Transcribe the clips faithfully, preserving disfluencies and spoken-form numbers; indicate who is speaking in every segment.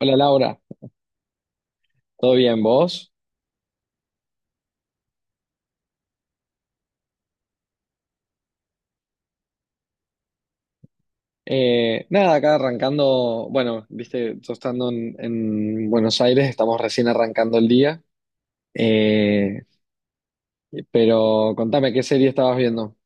Speaker 1: Hola Laura, ¿todo bien vos? Eh, nada, acá arrancando, bueno, viste, yo estando en, en Buenos Aires, estamos recién arrancando el día. Eh, pero contame, ¿qué serie estabas viendo?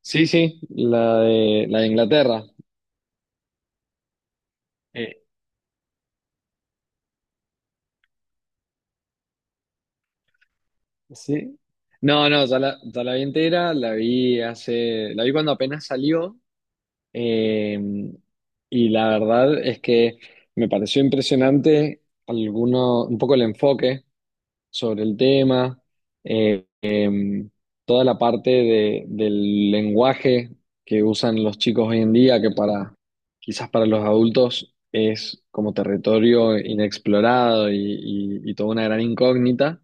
Speaker 1: Sí, sí, la de, la de Inglaterra. Eh, ¿sí? No, no, ya la, ya la vi entera, la vi hace, la vi cuando apenas salió. Eh, y la verdad es que me pareció impresionante alguno, un poco el enfoque sobre el tema. eh, em, Toda la parte de- del lenguaje que usan los chicos hoy en día, que para quizás para los adultos es como territorio inexplorado y, y- y toda una gran incógnita.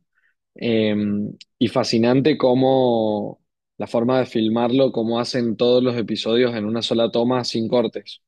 Speaker 1: Em, y fascinante cómo la forma de filmarlo, cómo hacen todos los episodios en una sola toma sin cortes.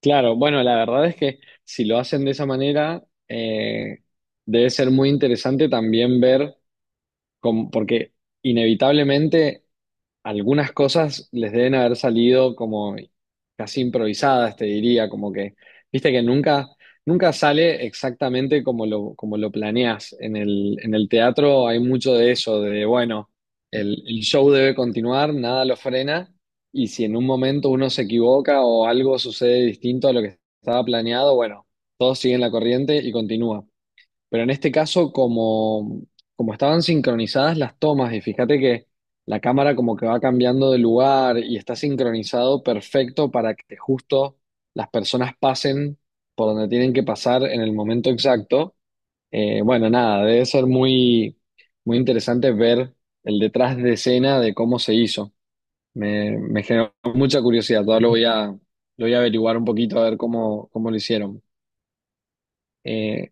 Speaker 1: Claro, bueno, la verdad es que si lo hacen de esa manera, eh, debe ser muy interesante también ver cómo- porque inevitablemente algunas cosas les deben haber salido como casi improvisadas, te diría, como que viste que nunca, nunca sale exactamente como lo, como lo planeas. En el, en el teatro hay mucho de eso. De, bueno, el, el show debe continuar, nada lo frena, y si en un momento uno se equivoca o algo sucede distinto a lo que estaba planeado, bueno, todos siguen la corriente y continúa. Pero en este caso, como, como estaban sincronizadas las tomas, y fíjate que la cámara como que va cambiando de lugar y está sincronizado perfecto para que justo las personas pasen por donde tienen que pasar en el momento exacto. Eh, bueno, nada, debe ser muy, muy interesante ver el detrás de escena de cómo se hizo. Me, me generó mucha curiosidad, todavía lo voy a, lo voy a averiguar un poquito a ver cómo, cómo lo hicieron. Eh,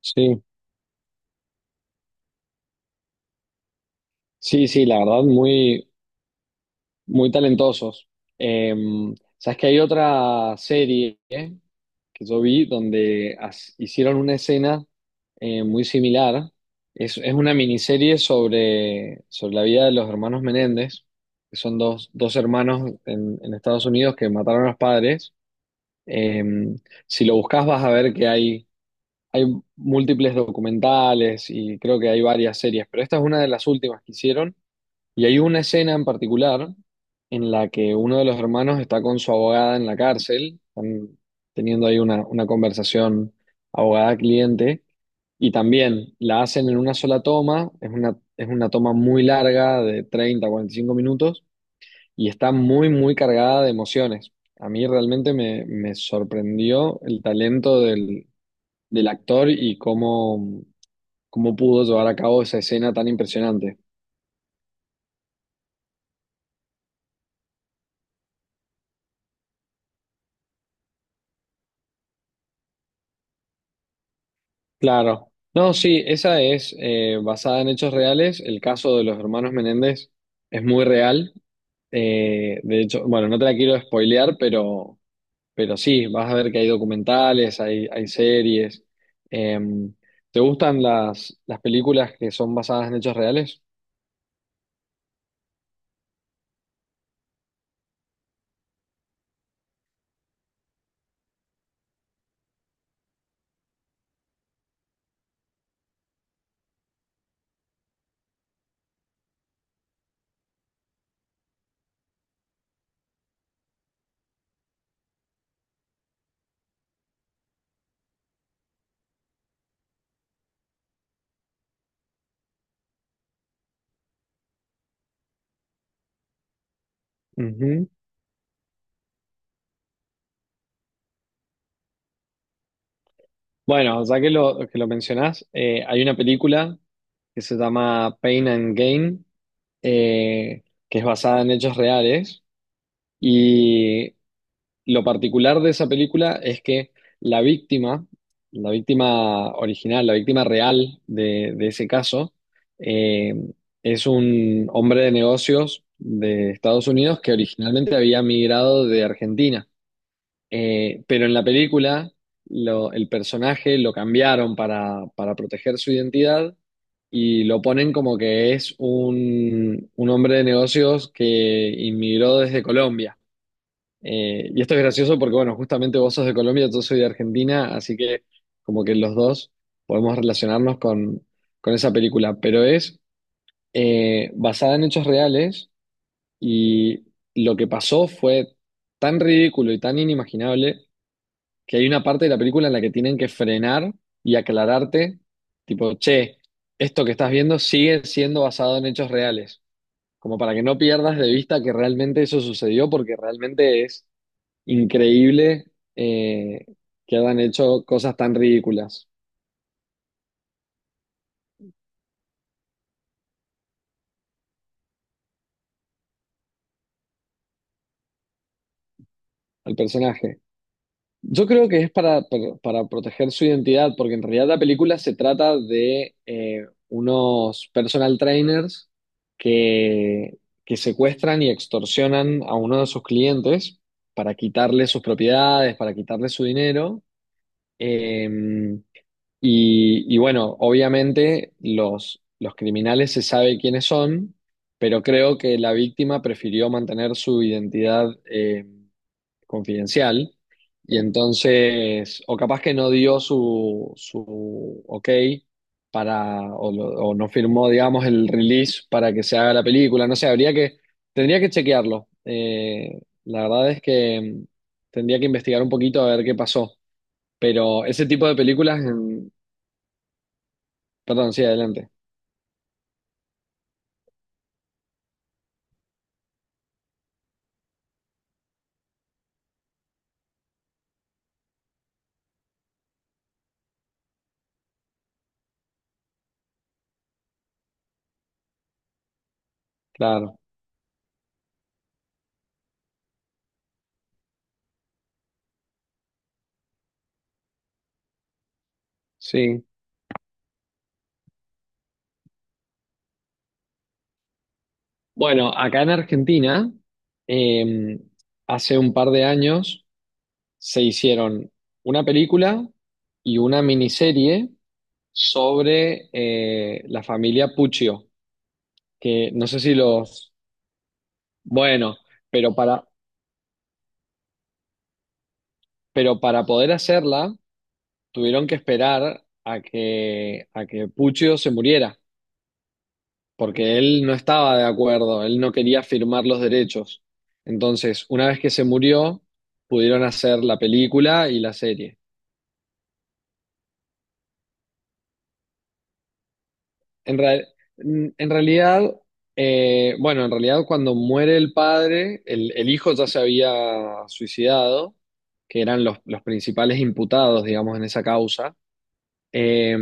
Speaker 1: sí. Sí, sí, la verdad, muy, muy talentosos. Eh, sabes que hay otra serie que yo vi donde as- hicieron una escena eh, muy similar. Es, es una miniserie sobre, sobre la vida de los hermanos Menéndez, que son dos, dos hermanos en, en Estados Unidos que mataron a los padres. Eh, si lo buscas vas a ver que hay, hay múltiples documentales y creo que hay varias series, pero esta es una de las últimas que hicieron, y hay una escena en particular en la que uno de los hermanos está con su abogada en la cárcel. Están teniendo ahí una, una conversación abogada-cliente, y también la hacen en una sola toma. Es una, es una toma muy larga de treinta cuarenta y cinco minutos, y está muy, muy cargada de emociones. A mí realmente me, me sorprendió el talento del, del actor y cómo, cómo pudo llevar a cabo esa escena tan impresionante. Claro. No, sí, esa es eh, basada en hechos reales. El caso de los hermanos Menéndez es muy real. Eh, de hecho, bueno, no te la quiero spoilear, pero, pero sí, vas a ver que hay documentales, hay, hay series. Eh, ¿te gustan las, las películas que son basadas en hechos reales? Ujú. Bueno, ya que lo, que lo mencionás, eh, hay una película que se llama Pain and Gain, eh, que es basada en hechos reales. Y lo particular de esa película es que la víctima, la víctima original, la víctima real de, de ese caso, eh, es un hombre de negocios de Estados Unidos que originalmente había migrado de Argentina. Eh, pero en la película lo- el personaje lo cambiaron para, para proteger su identidad y lo ponen como que es un, un hombre de negocios que inmigró desde Colombia. Eh, y esto es gracioso porque, bueno, justamente vos sos de Colombia, yo soy de Argentina, así que como que los dos podemos relacionarnos con, con esa película, pero es eh, basada en hechos reales, y lo que pasó fue tan ridículo y tan inimaginable que hay una parte de la película en la que tienen que frenar y aclararte, tipo, che, esto que estás viendo sigue siendo basado en hechos reales, como para que no pierdas de vista que realmente eso sucedió, porque realmente es increíble eh, que hayan hecho cosas tan ridículas al personaje. Yo creo que es para, para, para proteger su identidad, porque en realidad la película se trata de eh, unos personal trainers que, que secuestran y extorsionan a uno de sus clientes para quitarle sus propiedades, para quitarle su dinero. Eh, Y, y bueno, obviamente los, los criminales se sabe quiénes son, pero creo que la víctima prefirió mantener su identidad eh, confidencial, y entonces, o capaz que no dio su, su ok para, o, lo- o no firmó, digamos, el release para que se haga la película, no sé, habría que, tendría que chequearlo. Eh, la verdad es que mm, tendría que investigar un poquito a ver qué pasó. Pero ese tipo de películas... Perdón, sí, adelante. Claro, sí. Bueno, acá en Argentina, eh, hace un par de años se hicieron una película y una miniserie sobre eh, la familia Puccio, que no sé si los... Bueno, pero para, pero para poder hacerla tuvieron que esperar a que, a que Puccio se muriera, porque él no estaba de acuerdo, él no quería firmar los derechos. Entonces, una vez que se murió, pudieron hacer la película y la serie. En, rea- mm, en realidad, eh, bueno, en realidad cuando muere el padre, el, el hijo ya se había suicidado, que eran los, los principales imputados, digamos, en esa causa. Eh,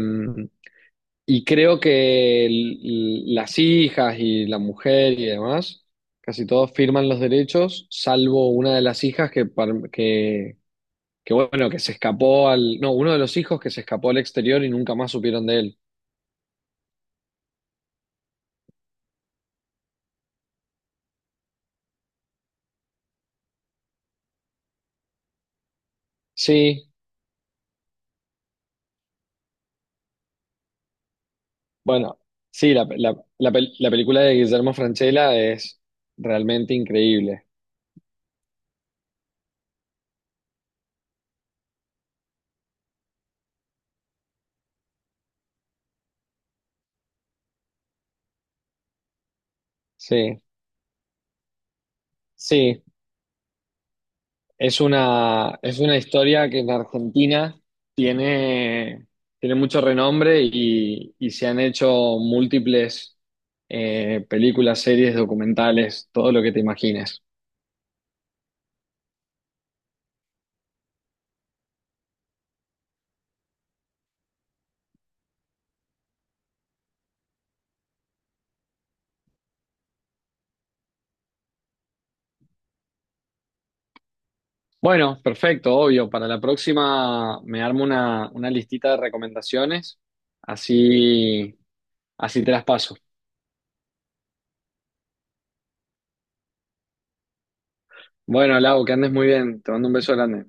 Speaker 1: Y creo que el- las hijas y la mujer y demás, casi todos firman los derechos, salvo una de las hijas que, par- que, que, bueno, que se escapó al, no, uno de los hijos que se escapó al exterior y nunca más supieron de él. Sí, bueno, sí, la, la, la pel- la película de Guillermo Francella es realmente increíble. Sí, sí. Es una, es una historia que en Argentina tiene, tiene mucho renombre, y, y se han hecho múltiples eh, películas, series, documentales, todo lo que te imagines. Bueno, perfecto, obvio. Para la próxima me armo una, una listita de recomendaciones, así, así te las paso. Bueno, Lau, que andes muy bien. Te mando un beso grande.